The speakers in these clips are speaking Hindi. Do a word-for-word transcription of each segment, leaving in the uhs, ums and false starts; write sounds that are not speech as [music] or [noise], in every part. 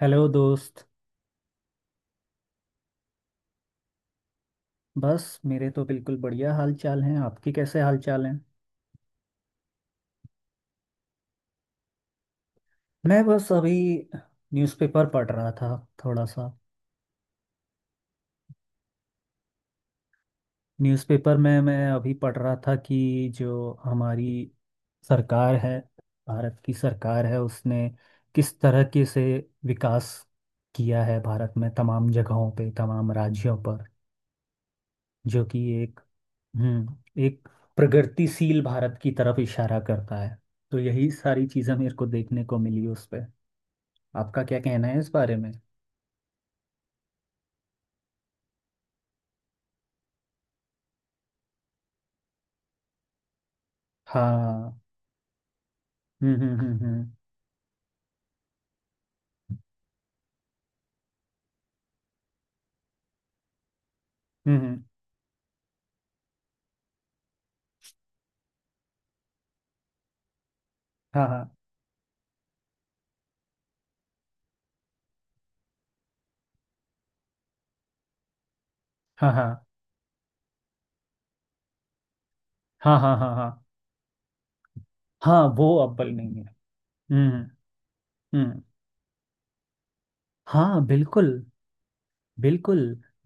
हेलो दोस्त। बस मेरे तो बिल्कुल बढ़िया हाल चाल हैं। आपके कैसे हाल चाल हैं? मैं बस अभी न्यूज़पेपर पढ़ रहा था, थोड़ा सा। न्यूज़पेपर में मैं अभी पढ़ रहा था कि जो हमारी सरकार है, भारत की सरकार है, उसने किस तरह के से विकास किया है भारत में, तमाम जगहों पे, तमाम राज्यों पर, जो कि एक हम्म एक प्रगतिशील भारत की तरफ इशारा करता है। तो यही सारी चीज़ें मेरे को देखने को मिली उस पे। आपका क्या कहना है इस बारे में? हाँ। हम्म, हम्म, हम्म, हम्म। हम्म, हम्म। हाँ, हाँ, हाँ, हाँ, हाँ, हाँ, हाँ, हाँ। हाँ, वो अव्वल नहीं है। हम्म। हम्म। हाँ, बिल्कुल। बिल्कुल।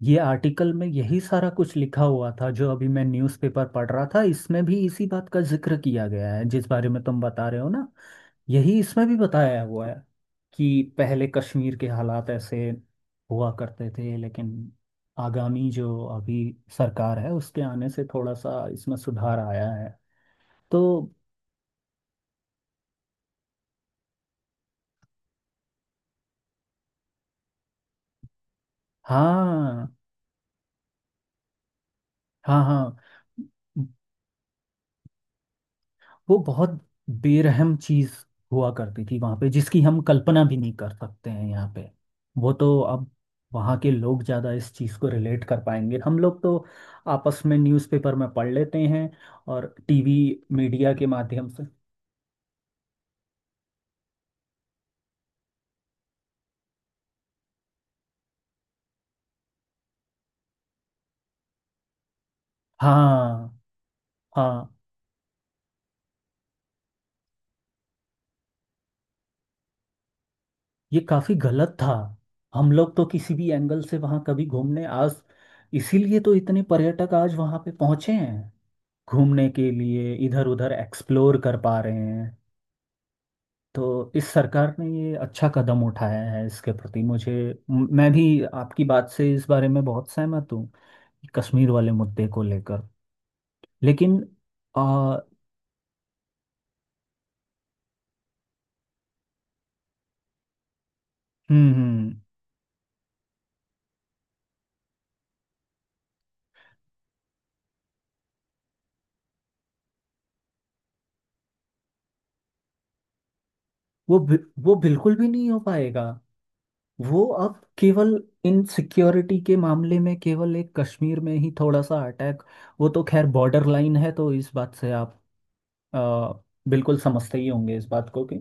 ये आर्टिकल में यही सारा कुछ लिखा हुआ था जो अभी मैं न्यूज़पेपर पढ़ रहा था। इसमें भी इसी बात का जिक्र किया गया है जिस बारे में तुम बता रहे हो ना। यही इसमें भी बताया हुआ है कि पहले कश्मीर के हालात ऐसे हुआ करते थे, लेकिन आगामी जो अभी सरकार है उसके आने से थोड़ा सा इसमें सुधार आया है। तो हाँ, हाँ, हाँ। वो बहुत बेरहम चीज हुआ करती थी वहां पे, जिसकी हम कल्पना भी नहीं कर सकते हैं यहाँ पे। वो तो अब वहाँ के लोग ज्यादा इस चीज को रिलेट कर पाएंगे। हम लोग तो आपस में न्यूज़पेपर में पढ़ लेते हैं और टीवी मीडिया के माध्यम से। हाँ, हाँ। ये काफी गलत था। हम लोग तो किसी भी एंगल से वहां कभी घूमने आज। इसीलिए तो इतने पर्यटक आज वहां पे पहुंचे हैं घूमने के लिए, इधर उधर एक्सप्लोर कर पा रहे हैं। तो इस सरकार ने ये अच्छा कदम उठाया है। इसके प्रति मुझे म- मैं भी आपकी बात से इस बारे में बहुत सहमत हूँ, कश्मीर वाले मुद्दे को लेकर। लेकिन आ, हम्म हम्म, वो बि- वो बिल्कुल भी नहीं हो पाएगा। वो अब केवल इन सिक्योरिटी के मामले में केवल एक कश्मीर में ही थोड़ा सा अटैक। वो तो खैर बॉर्डर लाइन है, तो इस बात से आप आ, बिल्कुल समझते ही होंगे इस बात को कि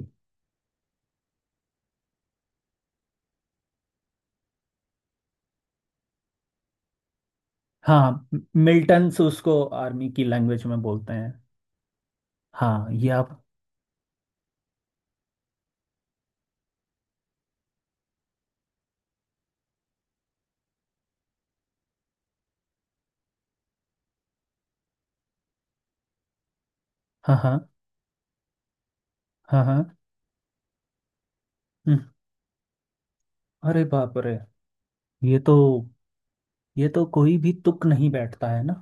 हाँ, मिलिटेंट्स उसको आर्मी की लैंग्वेज में बोलते हैं। हाँ, ये आप। हाँ, हाँ, हाँ, हाँ। हम्म, अरे बाप रे। ये तो ये तो कोई भी तुक नहीं बैठता है ना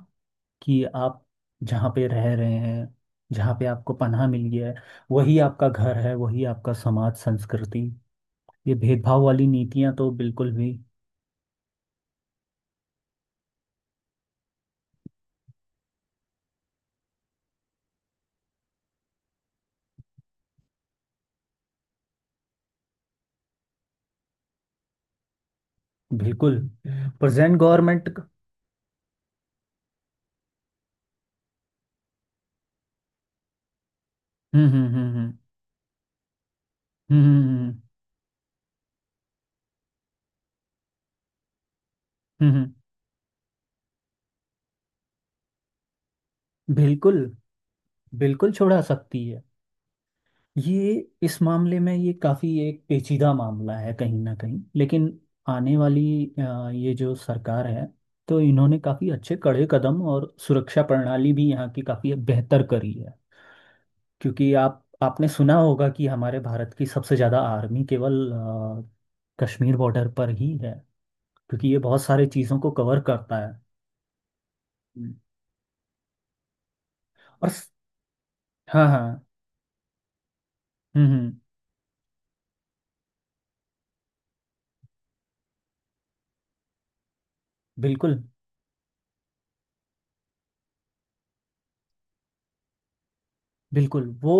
कि आप जहाँ पे रह रहे हैं, जहाँ पे आपको पनाह मिल गया है, वही आपका घर है, वही आपका समाज संस्कृति। ये भेदभाव वाली नीतियाँ तो बिल्कुल भी। बिल्कुल। Present government. हम्म, हम्म, हम्म, हम्म, हम्म, हम्म, हम्म, हम्म। बिल्कुल, बिल्कुल छोड़ा सकती है। ये इस मामले में ये काफ़ी एक पेचीदा मामला है कहीं ना कहीं, लेकिन आने वाली अ, ये जो सरकार है, तो इन्होंने काफ़ी अच्छे कड़े कदम और सुरक्षा प्रणाली भी यहाँ की काफ़ी बेहतर करी है। क्योंकि आप आपने सुना होगा कि हमारे भारत की सबसे ज़्यादा आर्मी केवल अ, कश्मीर बॉर्डर पर ही है, क्योंकि ये बहुत सारी चीज़ों को कवर करता है। हम्म। और स- हाँ, हाँ। हम्म, हम्म। बिल्कुल, बिल्कुल, वो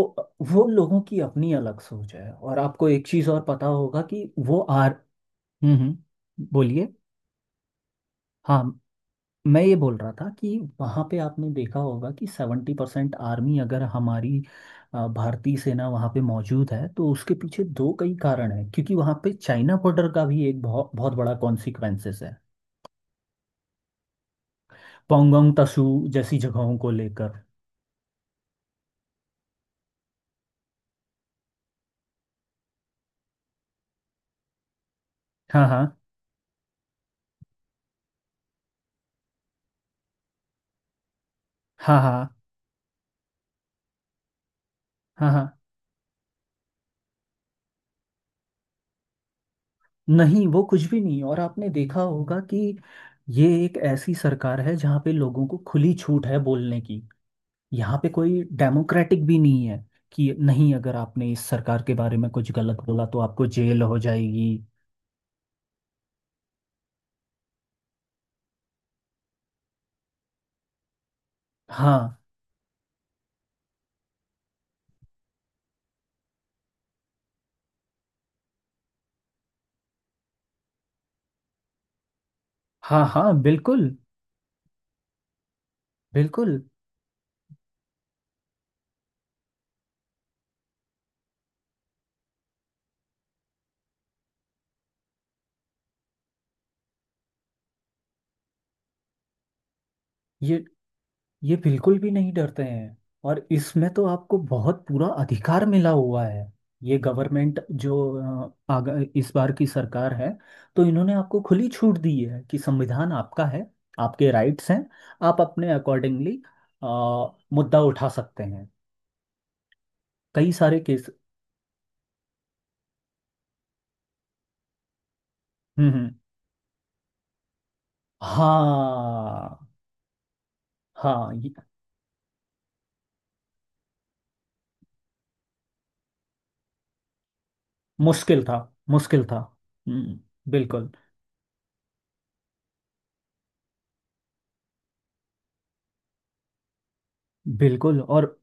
वो लोगों की अपनी अलग सोच है, और आपको एक चीज़ और पता होगा कि वो आर। हम्म, हम्म, बोलिए। हाँ, मैं ये बोल रहा था कि वहाँ पे आपने देखा होगा कि सेवेंटी परसेंट आर्मी, अगर हमारी अ, भारतीय सेना वहाँ पे मौजूद है, तो उसके पीछे दो कई कारण है, क्योंकि वहाँ पे चाइना बॉर्डर का भी एक बहुत बहुत बड़ा कॉन्सिक्वेंसेस है, पोंगोंग तसू जैसी जगहों को लेकर। हाँ, हाँ, हाँ, हाँ, हाँ, हाँ, हाँ। नहीं, वो कुछ भी नहीं। और आपने देखा होगा कि ये एक ऐसी सरकार है जहाँ पे लोगों को खुली छूट है बोलने की। यहाँ पे कोई डेमोक्रेटिक भी नहीं है कि नहीं, अगर आपने इस सरकार के बारे में कुछ गलत बोला तो आपको जेल हो जाएगी। हाँ, हाँ, हाँ, बिल्कुल, बिल्कुल। ये ये बिल्कुल भी नहीं डरते हैं, और इसमें तो आपको बहुत पूरा अधिकार मिला हुआ है। ये गवर्नमेंट जो अ, आग, इस बार की सरकार है, तो इन्होंने आपको खुली छूट दी है कि संविधान आपका है, आपके राइट्स हैं, आप अपने अकॉर्डिंगली मुद्दा उठा सकते हैं, कई सारे केस। हम्म, हम्म, हाँ, हाँ। ये मुश्किल था। मुश्किल था। हम्म, बिल्कुल, बिल्कुल, और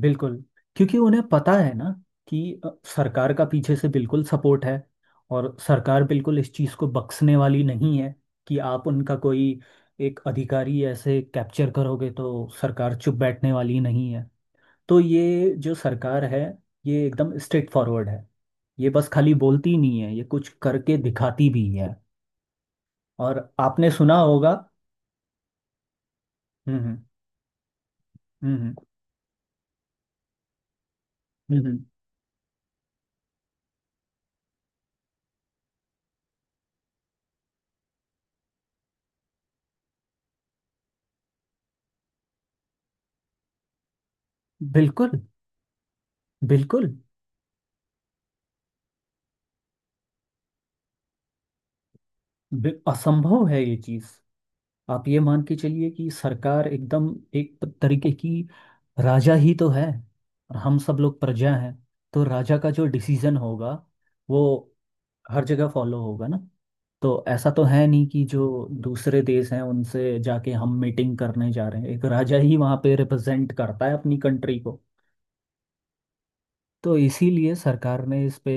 बिल्कुल। क्योंकि उन्हें पता है ना कि अ, सरकार का पीछे से बिल्कुल सपोर्ट है, और सरकार बिल्कुल इस चीज़ को बख्शने वाली नहीं है कि आप उनका कोई एक अधिकारी ऐसे कैप्चर करोगे तो सरकार चुप बैठने वाली नहीं है। तो ये जो सरकार है ये एकदम स्ट्रेट फॉरवर्ड है। ये बस खाली बोलती नहीं है, ये कुछ करके दिखाती भी है। और आपने सुना होगा। हम्म, हम्म, हम्म, हम्म, हम्म। बिल्कुल, बिल्कुल। बि- असंभव है ये चीज़। आप ये मान के चलिए कि सरकार एकदम एक तरीके की राजा ही तो है, और हम सब लोग प्रजा हैं। तो राजा का जो डिसीजन होगा वो हर जगह फॉलो होगा ना। तो ऐसा तो है नहीं कि जो दूसरे देश हैं उनसे जाके हम मीटिंग करने जा रहे हैं। एक राजा ही वहाँ पे रिप्रेजेंट करता है अपनी कंट्री को। तो इसीलिए सरकार ने इस पे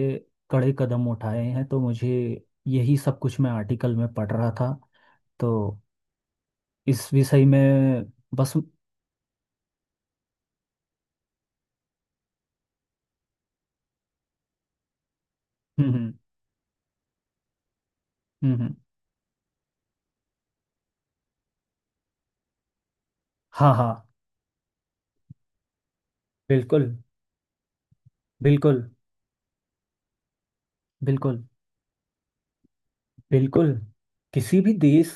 कड़े कदम उठाए हैं, तो मुझे यही सब कुछ मैं आर्टिकल में पढ़ रहा था, तो इस विषय में। बस। [laughs] हम्म, हम्म, हाँ, हाँ, बिल्कुल, बिल्कुल, बिल्कुल, बिल्कुल, किसी भी देश।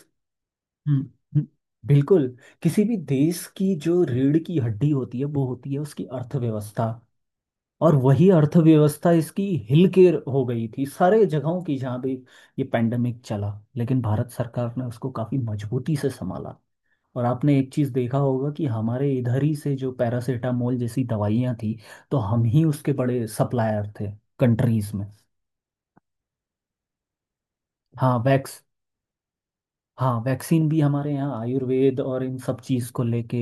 हम्म, हम्म, बिल्कुल, किसी भी देश की जो रीढ़ की हड्डी होती है वो होती है उसकी अर्थव्यवस्था। और वही अर्थव्यवस्था इसकी हिल के हो गई थी सारे जगहों की, जहाँ भी ये पैंडेमिक चला। लेकिन भारत सरकार ने उसको काफी मजबूती से संभाला, और आपने एक चीज देखा होगा कि हमारे इधर ही से जो पैरासीटामोल जैसी दवाइयाँ थी, तो हम ही उसके बड़े सप्लायर थे कंट्रीज में। हाँ वैक्स हाँ, वैक्सीन भी हमारे यहाँ आयुर्वेद और इन सब चीज़ को लेके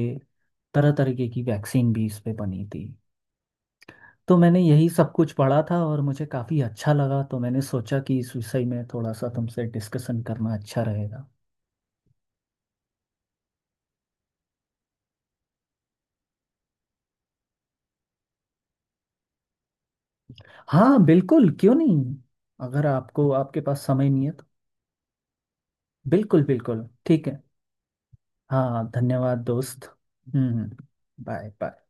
तरह तरीके की वैक्सीन भी इस पे बनी थी। तो मैंने यही सब कुछ पढ़ा था और मुझे काफ़ी अच्छा लगा, तो मैंने सोचा कि इस विषय में थोड़ा सा तुमसे डिस्कशन करना अच्छा रहेगा। हाँ, बिल्कुल, क्यों नहीं। अगर आपको आपके पास समय नहीं है तो। बिल्कुल, बिल्कुल, ठीक है। हाँ, धन्यवाद दोस्त। हम्म, हम्म, बाय बाय।